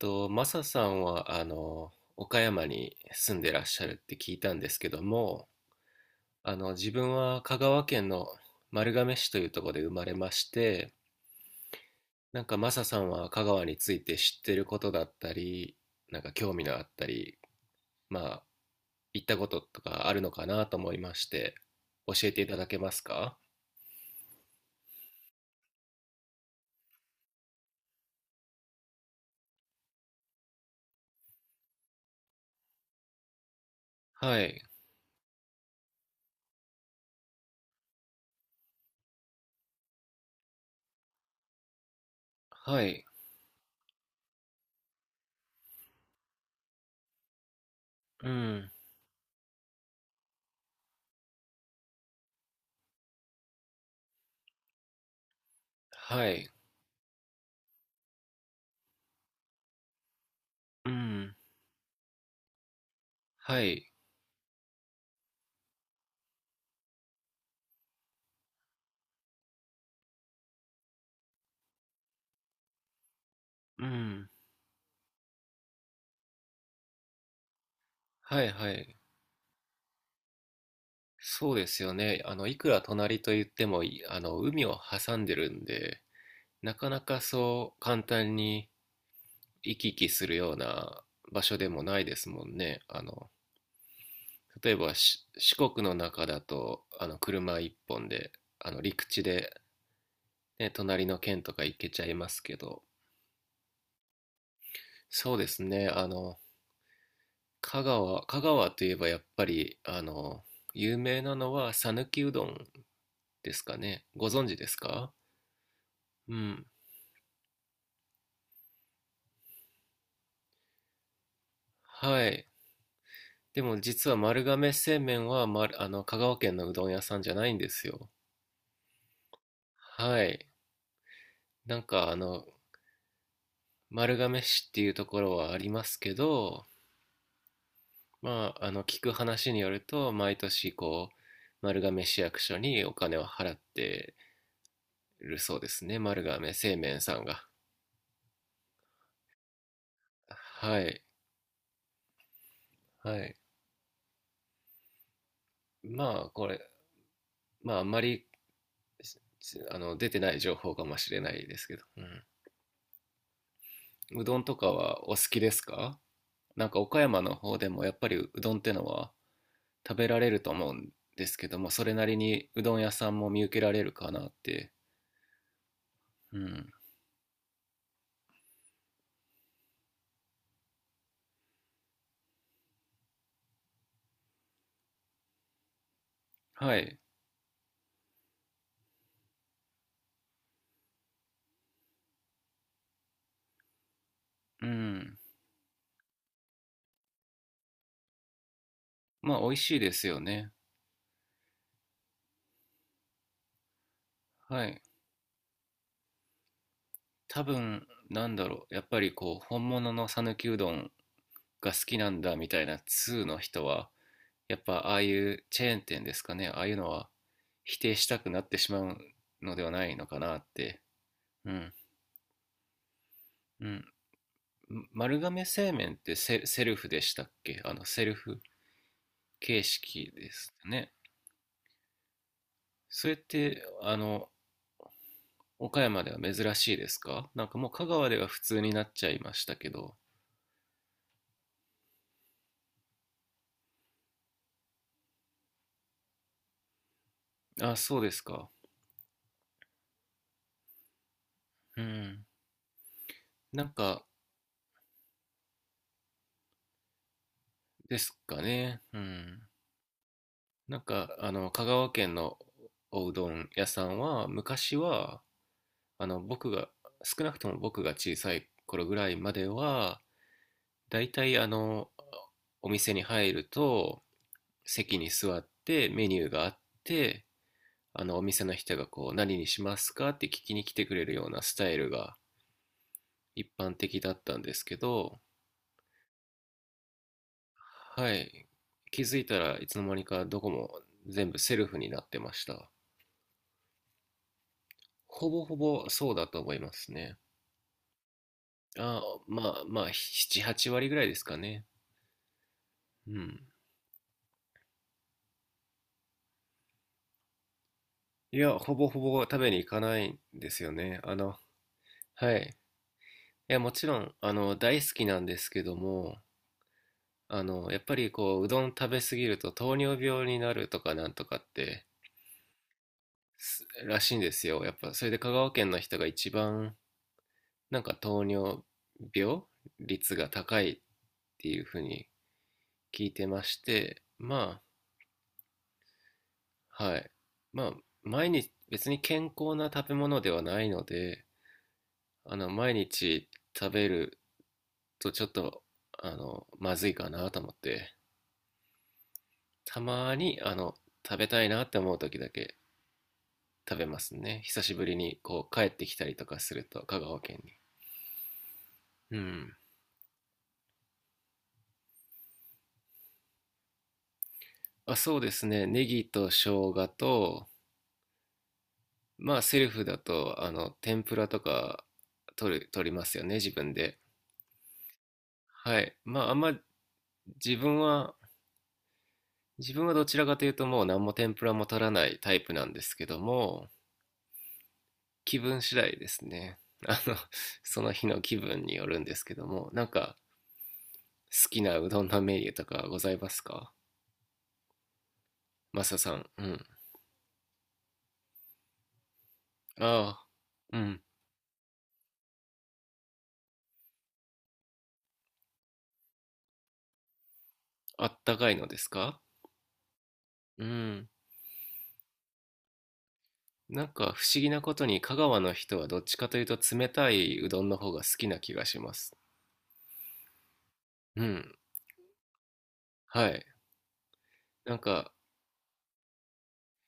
と、マサさんは、岡山に住んでらっしゃるって聞いたんですけども、自分は香川県の丸亀市というところで生まれまして、なんかマサさんは香川について知ってることだったり、なんか興味のあったり、まあ、行ったこととかあるのかなと思いまして、教えていただけますか？はい。はい。うん。はい。うん。はい。うん。はい。はい。そうですよね。いくら隣と言っても、いあの、海を挟んでるんで、なかなかそう簡単に行き来するような場所でもないですもんね。例えば四国の中だと、車一本で、陸地で、ね、隣の県とか行けちゃいますけど、そうですね。香川といえばやっぱり、有名なのは讃岐うどんですかね。ご存知ですか？うん。はい。でも実は丸亀製麺は、あの香川県のうどん屋さんじゃないんですよ。はい。なんか丸亀市っていうところはありますけど、まあ、聞く話によると毎年こう丸亀市役所にお金を払ってるそうですね。丸亀製麺さんが。はい。はい。まあこれ、まああんまり出てない情報かもしれないですけど、うん、うどんとかはお好きですか？なんか岡山の方でもやっぱりうどんってのは食べられると思うんですけども、それなりにうどん屋さんも見受けられるかなって。うん。はい。うん。まあ美味しいですよね。はい。多分、なんだろう。やっぱりこう、本物の讃岐うどんが好きなんだみたいな通の人は、やっぱああいうチェーン店ですかね。ああいうのは否定したくなってしまうのではないのかなって。うん。うん。丸亀製麺ってセルフでしたっけ？セルフ形式ですね。それって、岡山では珍しいですか？なんかもう香川では普通になっちゃいましたけど。あ、そうですか。うん。なんか、ですかね。うん。なんか、香川県のおうどん屋さんは、昔は、あの、僕が、少なくとも僕が小さい頃ぐらいまでは、大体お店に入ると、席に座ってメニューがあって、あのお店の人がこう何にしますかって聞きに来てくれるようなスタイルが一般的だったんですけど、はい、気づいたらいつの間にかどこも全部セルフになってました。ほぼほぼそうだと思いますね。あ、まあまあ、7、8割ぐらいですかね。うん。いや、ほぼほぼ食べに行かないんですよね。はい。いや、もちろん、大好きなんですけども、やっぱりこう、うどん食べ過ぎると糖尿病になるとかなんとかって、すらしいんですよ。やっぱ、それで香川県の人が一番、なんか糖尿病率が高いっていうふうに聞いてまして、まあ、はい。まあ、毎日、別に健康な食べ物ではないので、毎日食べるとちょっと、まずいかなと思って、たまに、食べたいなって思う時だけ食べますね。久しぶりに、こう、帰ってきたりとかすると、香川県に。うん。あ、そうですね。ネギと生姜と、まあ、セルフだと、天ぷらとか、取りますよね、自分で。はい。自分は、自分はどちらかというと、もう何も天ぷらも取らないタイプなんですけども、気分次第ですね。あの、その日の気分によるんですけども、なんか、好きなうどんのメニューとかございますか、マサさん？うん。ああ、うん。あったかいのですか？うん。なんか不思議なことに香川の人はどっちかというと冷たいうどんの方が好きな気がします。うん。はい。なんか、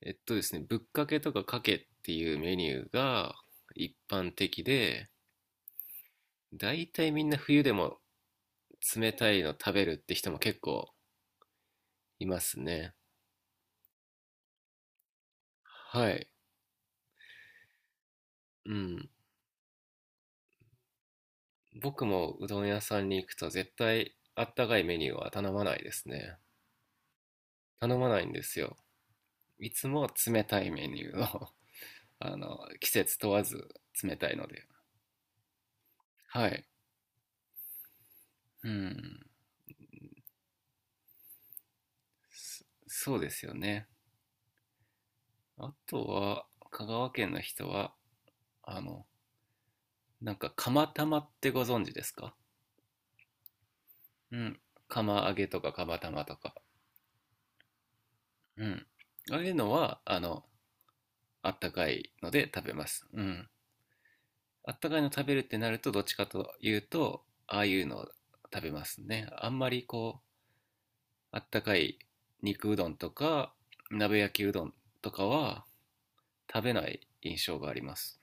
えっとですね、ぶっかけとかかけっていうメニューが一般的で、だいたいみんな冬でも冷たいの食べるって人も結構いますね。はい。うん。僕もうどん屋さんに行くと絶対あったかいメニューは頼まないですね。頼まないんですよ。いつも冷たいメニューを 季節問わず冷たいので。はい。うん。そうですよね。あとは、香川県の人は、あの、なんか釜玉ってご存知ですか？うん。釜揚げとか釜玉とか。うん。ああいうのは、あったかいので食べます。うん。あったかいの食べるってなると、どっちかというと、ああいうのを食べますね。あんまりこう、あったかい肉うどんとか、鍋焼きうどんとかは食べない印象があります。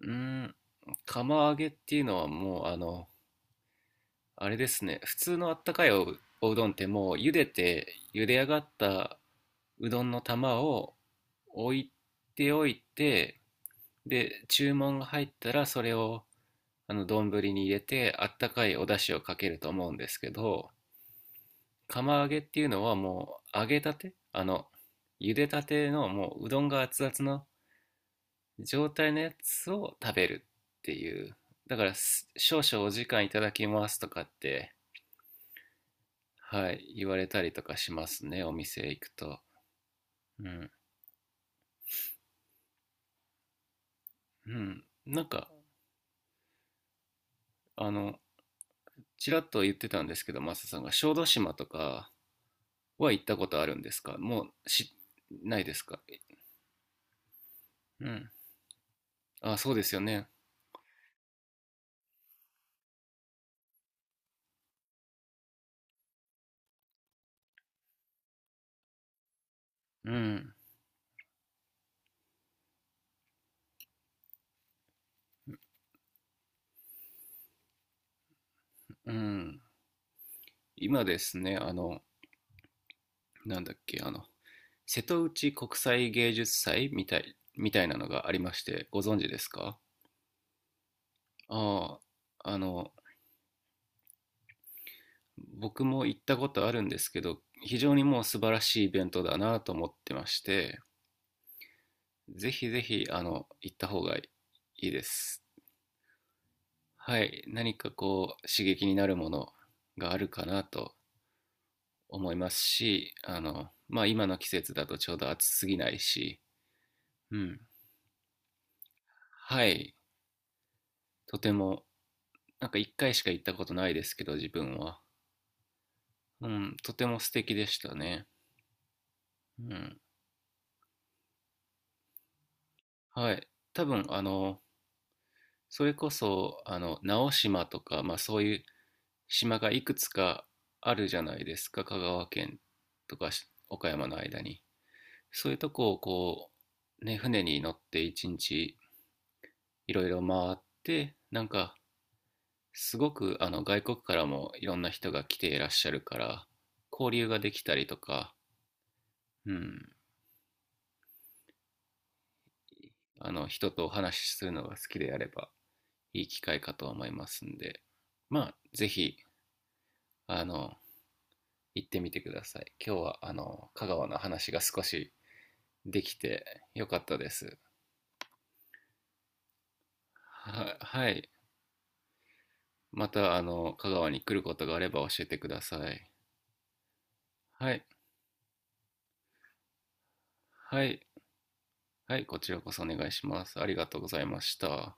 うーん、釜揚げっていうのはもう、あれですね、普通のあったかいおうどんってもう茹でて、茹で上がったうどんの玉を置いておいて、で、注文が入ったらそれをあの丼に入れてあったかいお出汁をかけると思うんですけど、釜揚げっていうのはもう揚げたて、茹でたてのもううどんが熱々の状態のやつを食べるっていう、だから少々お時間いただきますとかって、はい、言われたりとかしますね、お店行くと。うん。うん。なんか、あのちらっと言ってたんですけど、マサさんが小豆島とかは行ったことあるんですか？もうしないですか？うん。あ、そうですよね。うん。うん。今ですね、なんだっけ、瀬戸内国際芸術祭みたいなのがありまして、ご存知ですか？ああ、僕も行ったことあるんですけど、非常にもう素晴らしいイベントだなと思ってまして、ぜひぜひ、行った方がいいです。はい、何かこう、刺激になるものがあるかなと思いますし、まあ今の季節だとちょうど暑すぎないし、うん。はい。とても、なんか一回しか行ったことないですけど、自分は。うん。とても素敵でしたね。うん。はい。多分、それこそ、直島とか、まあそういう島がいくつかあるじゃないですか。香川県とか岡山の間に。そういうとこをこう、ね、船に乗って一日いろいろ回って、なんか、すごく外国からもいろんな人が来ていらっしゃるから、交流ができたりとか、うん。人とお話しするのが好きであれば、いい機会かと思いますんで、まあ、ぜひ、あの、行ってみてください。今日は、香川の話が少しできてよかったです。はい。また、香川に来ることがあれば教えてください。はい。はい。はい、こちらこそお願いします。ありがとうございました。